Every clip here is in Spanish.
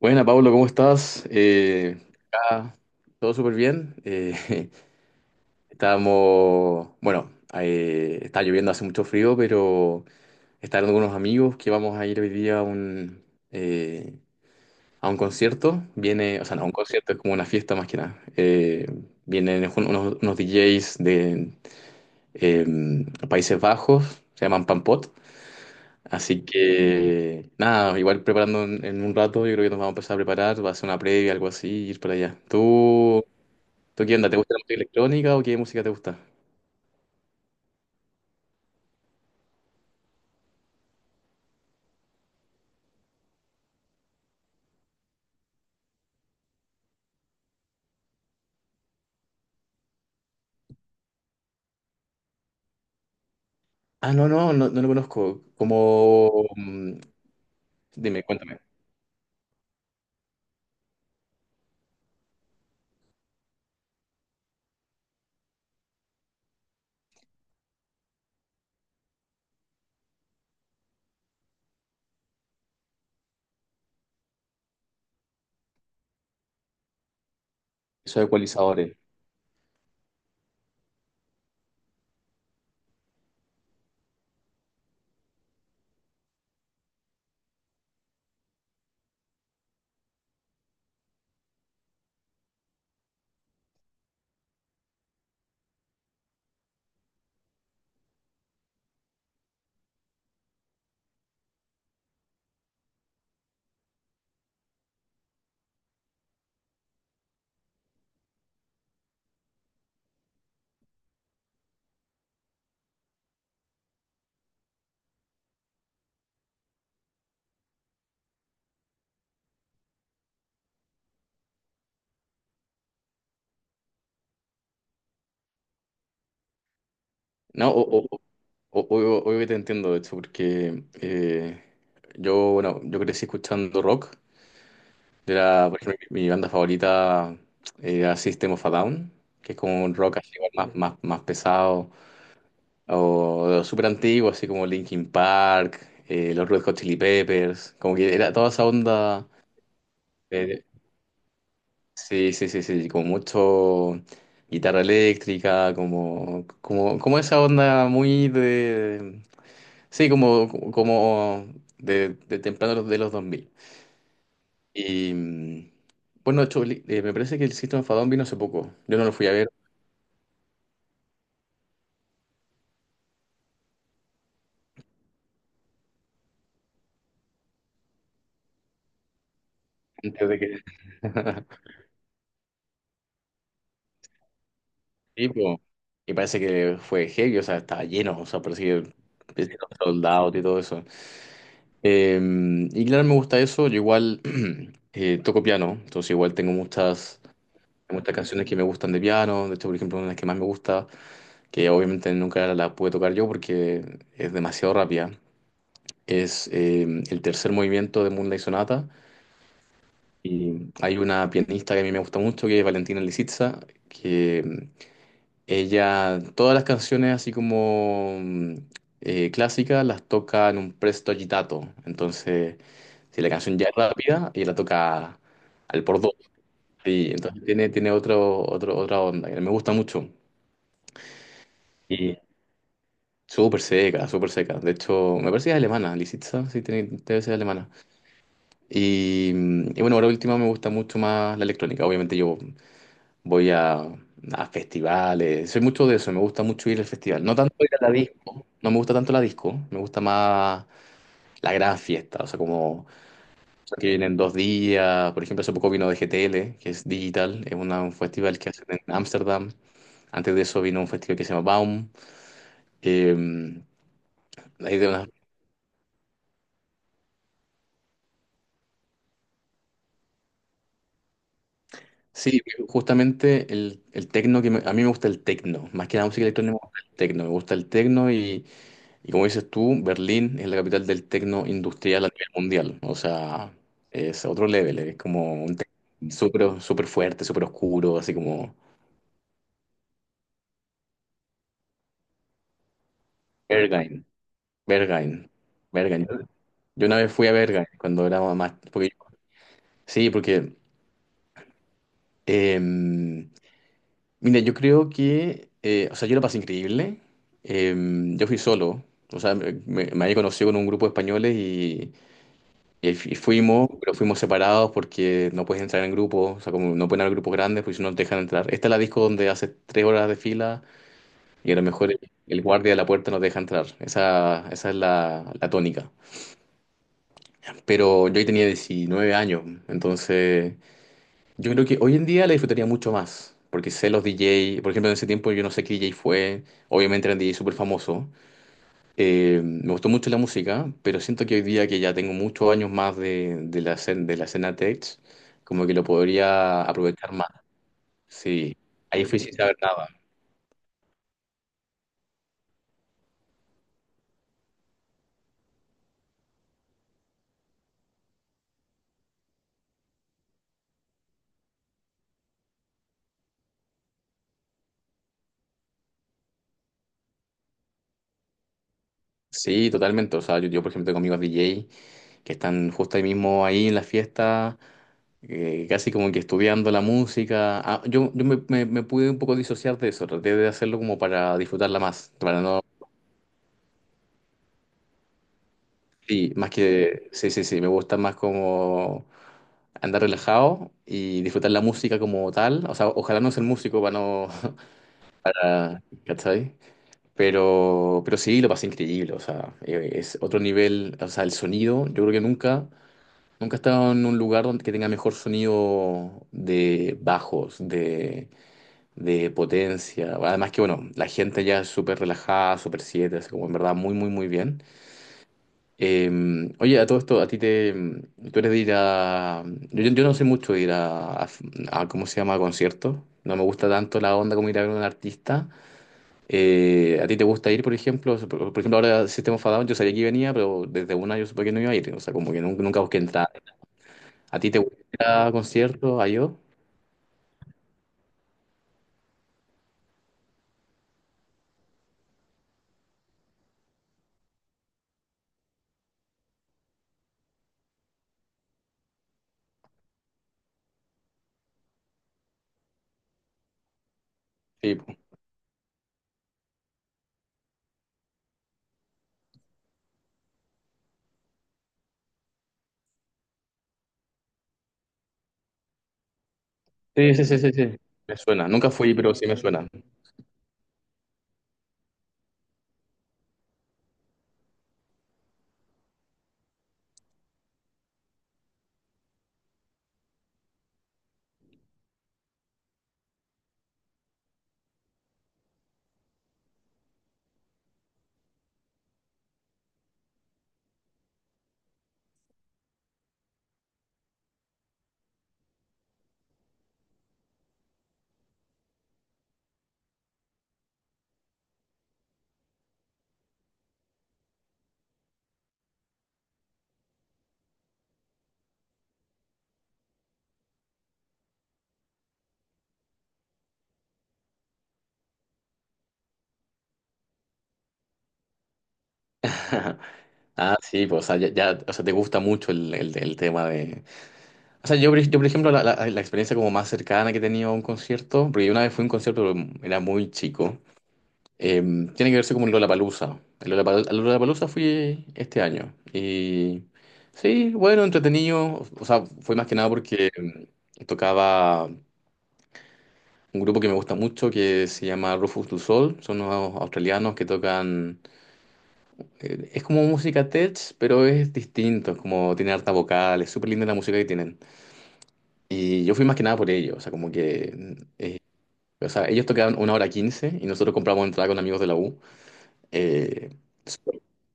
Buena, Pablo, ¿cómo estás? Acá todo súper bien. Estábamos, bueno, está lloviendo, hace mucho frío, pero están algunos amigos que vamos a ir hoy día a eh, un concierto. Viene, o sea, no, un concierto es como una fiesta más que nada. Vienen unos DJs de eh, Países Bajos, se llaman Pampot. Así que, nada, igual preparando en un rato, yo creo que nos vamos a empezar a preparar, va a ser una previa, algo así, y ir para allá. ¿Tú qué onda? ¿Te gusta la música electrónica o qué música te gusta? Ah, no, no, no, no lo conozco. Como, dime, cuéntame. Esos ecualizadores. No, obvio que te entiendo, de hecho, porque bueno, yo crecí escuchando rock. Era, por ejemplo, mi banda favorita era System of a Down, que es como un rock así, igual más pesado. O súper antiguo, así como Linkin Park, los Red Hot Chili Peppers, como que era toda esa onda. eh, sí, sí, sí, sí, como mucho guitarra eléctrica, como esa onda muy de. Sí, como de temprano de los dos mil. Y bueno, de hecho, me parece que el System of a Down vino hace poco. Yo no lo fui a ver antes de que. Sí, po. Y parece que fue heavy, o sea, estaba lleno, o sea, parecía los soldados y todo eso. Eh, y claro, me gusta eso, yo igual toco piano, entonces igual tengo muchas canciones que me gustan de piano, de hecho, por ejemplo, una de las que más me gusta, que obviamente nunca la pude tocar yo porque es demasiado rápida, es el tercer movimiento de Moonlight Sonata. Y hay una pianista que a mí me gusta mucho, que es Valentina Lisitsa, que em, ella, todas las canciones así como clásicas las toca en un presto agitato. Entonces, si la canción ya es rápida, ella la toca al por dos. Y entonces tiene otra onda que me gusta mucho. Y súper seca, súper seca. De hecho, me parece que es alemana, Lisitsa, sí, debe ser alemana. Y bueno, ahora última me gusta mucho más la electrónica. Obviamente yo voy a festivales, soy mucho de eso, me gusta mucho ir al festival. No tanto ir a la disco, no me gusta tanto la disco, me gusta más la gran fiesta, o sea, como que vienen 2 días, por ejemplo, hace poco vino de GTL, que es digital, es un festival que hacen en Ámsterdam. Antes de eso vino un festival que se llama Baum. eh, hay de una- Sí, justamente el tecno a mí me gusta el tecno, más que la música electrónica me gusta el tecno, me gusta el tecno y como dices tú, Berlín es la capital del tecno industrial a nivel mundial. O sea, es otro level, es como un techno súper súper fuerte, súper oscuro, así como Berghain, Berghain, Berghain. Yo una vez fui a Berghain cuando era más. Porque, sí, porque. eh, Mira, yo creo que. O sea, yo la pasé increíble. Eh, yo fui solo. O sea, me había conocido con un grupo de españoles. Y... Y fuimos, pero fuimos separados porque no puedes entrar en grupo, o sea, como no pueden haber grupos grandes, porque si no nos dejan entrar. Esta es la disco donde hace 3 horas de fila y a lo mejor el guardia de la puerta nos deja entrar. Esa es la tónica. Pero yo ahí tenía 19 años, entonces yo creo que hoy en día la disfrutaría mucho más, porque sé los DJ, por ejemplo, en ese tiempo yo no sé qué DJ fue, obviamente eran DJ súper famosos. Me gustó mucho la música, pero siento que hoy día que ya tengo muchos años más de la escena tech, como que lo podría aprovechar más. Sí, ahí fui sin saber nada. Sí, totalmente. O sea, yo, por ejemplo, tengo amigos DJ que están justo ahí mismo ahí en la fiesta, casi como que estudiando la música. Ah, yo me pude un poco disociar de eso, traté de hacerlo como para disfrutarla más, para no. Sí, más que. Sí, sí, sí, me gusta más como andar relajado y disfrutar la música como tal. O sea, ojalá no ser músico para no, ¿cachai? Pero sí, lo pasé increíble. O sea, es otro nivel. O sea, el sonido, yo creo que nunca he estado en un lugar donde que tenga mejor sonido de bajos, de potencia. Además que, bueno, la gente ya es súper relajada, súper siete, así como en verdad muy, muy, muy bien. Eh, Oye, a todo esto, a ti te. Tú eres de ir a. Yo no sé mucho de ir a, ¿cómo se llama? A conciertos. No me gusta tanto la onda como ir a ver a un artista. ¿A ti te gusta ir, por ejemplo? Por ejemplo, ahora System of a Down, yo sabía que venía, pero desde una yo supe que no iba a ir. O sea, como que nunca busqué entrar. ¿A ti te gusta ir a conciertos? ¿A yo? Sí, po. Sí, sí, sí, sí. Sí. Me suena. Nunca fui, pero sí me suena. Ah, sí, pues, o sea, ya, o sea, te gusta mucho el tema de. O sea, yo, por ejemplo, la experiencia como más cercana que he tenido a un concierto, porque una vez fui a un concierto, pero era muy chico, eh, tiene que verse como el Lollapalooza. El Lollapalooza, al Lollapalooza fui este año y sí, bueno, entretenido. O sea, fue más que nada porque tocaba un grupo que me gusta mucho que se llama Rufus Du Sol. Son unos australianos que tocan, es como música tech, pero es distinto, es como tiene harta vocal, es súper linda la música que tienen. Y yo fui más que nada por ello, o sea, ellos tocaban una hora quince y nosotros compramos entrada con amigos de la U. eh,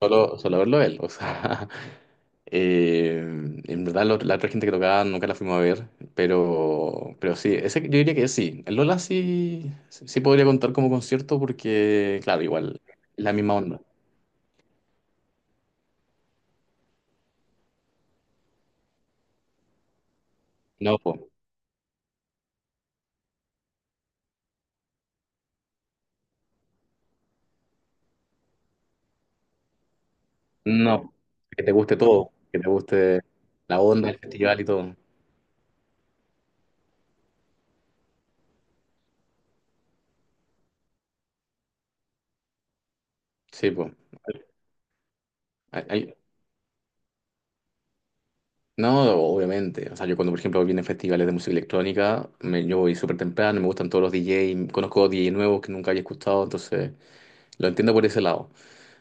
solo verlo a él. O sea, en verdad la otra gente que tocaba nunca la fuimos a ver. Pero sí, ese, yo diría que sí. El Lola sí, sí podría contar como concierto porque, claro, igual, es la misma onda. No, po, no. Que te guste todo, que te guste la onda, el festival y todo. Sí, pues. No, obviamente. O sea, yo cuando, por ejemplo, vienen festivales de música electrónica, yo voy súper temprano, me gustan todos los DJs, conozco DJs nuevos que nunca había escuchado, entonces lo entiendo por ese lado.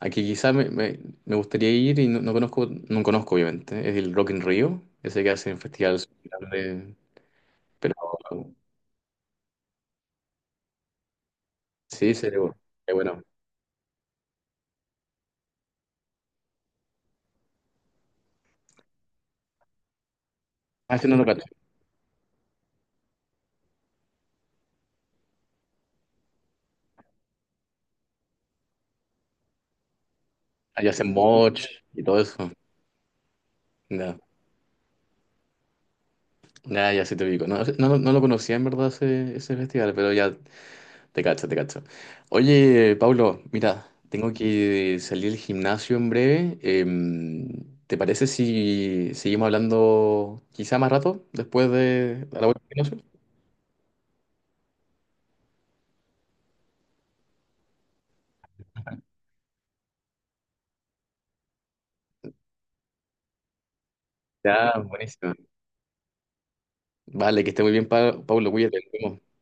Aquí quizás me gustaría ir y no conozco obviamente, es el Rock in Rio, ese que hacen festivales grandes, pero sí, sería bueno. Bueno. Ah, ese no lo cacho. Ahí hacen moch y todo eso. Ya, ya, ya sí te ubico. No, no, no lo conocía en verdad ese festival, pero ya te cacho, te cacho. Oye, Pablo, mira, tengo que salir al gimnasio en breve. ¿Te parece si seguimos hablando quizá más rato después de a la vuelta al gimnasio? Ya, buenísimo. Vale, que esté muy bien, Pablo, cuídate. Nos vemos.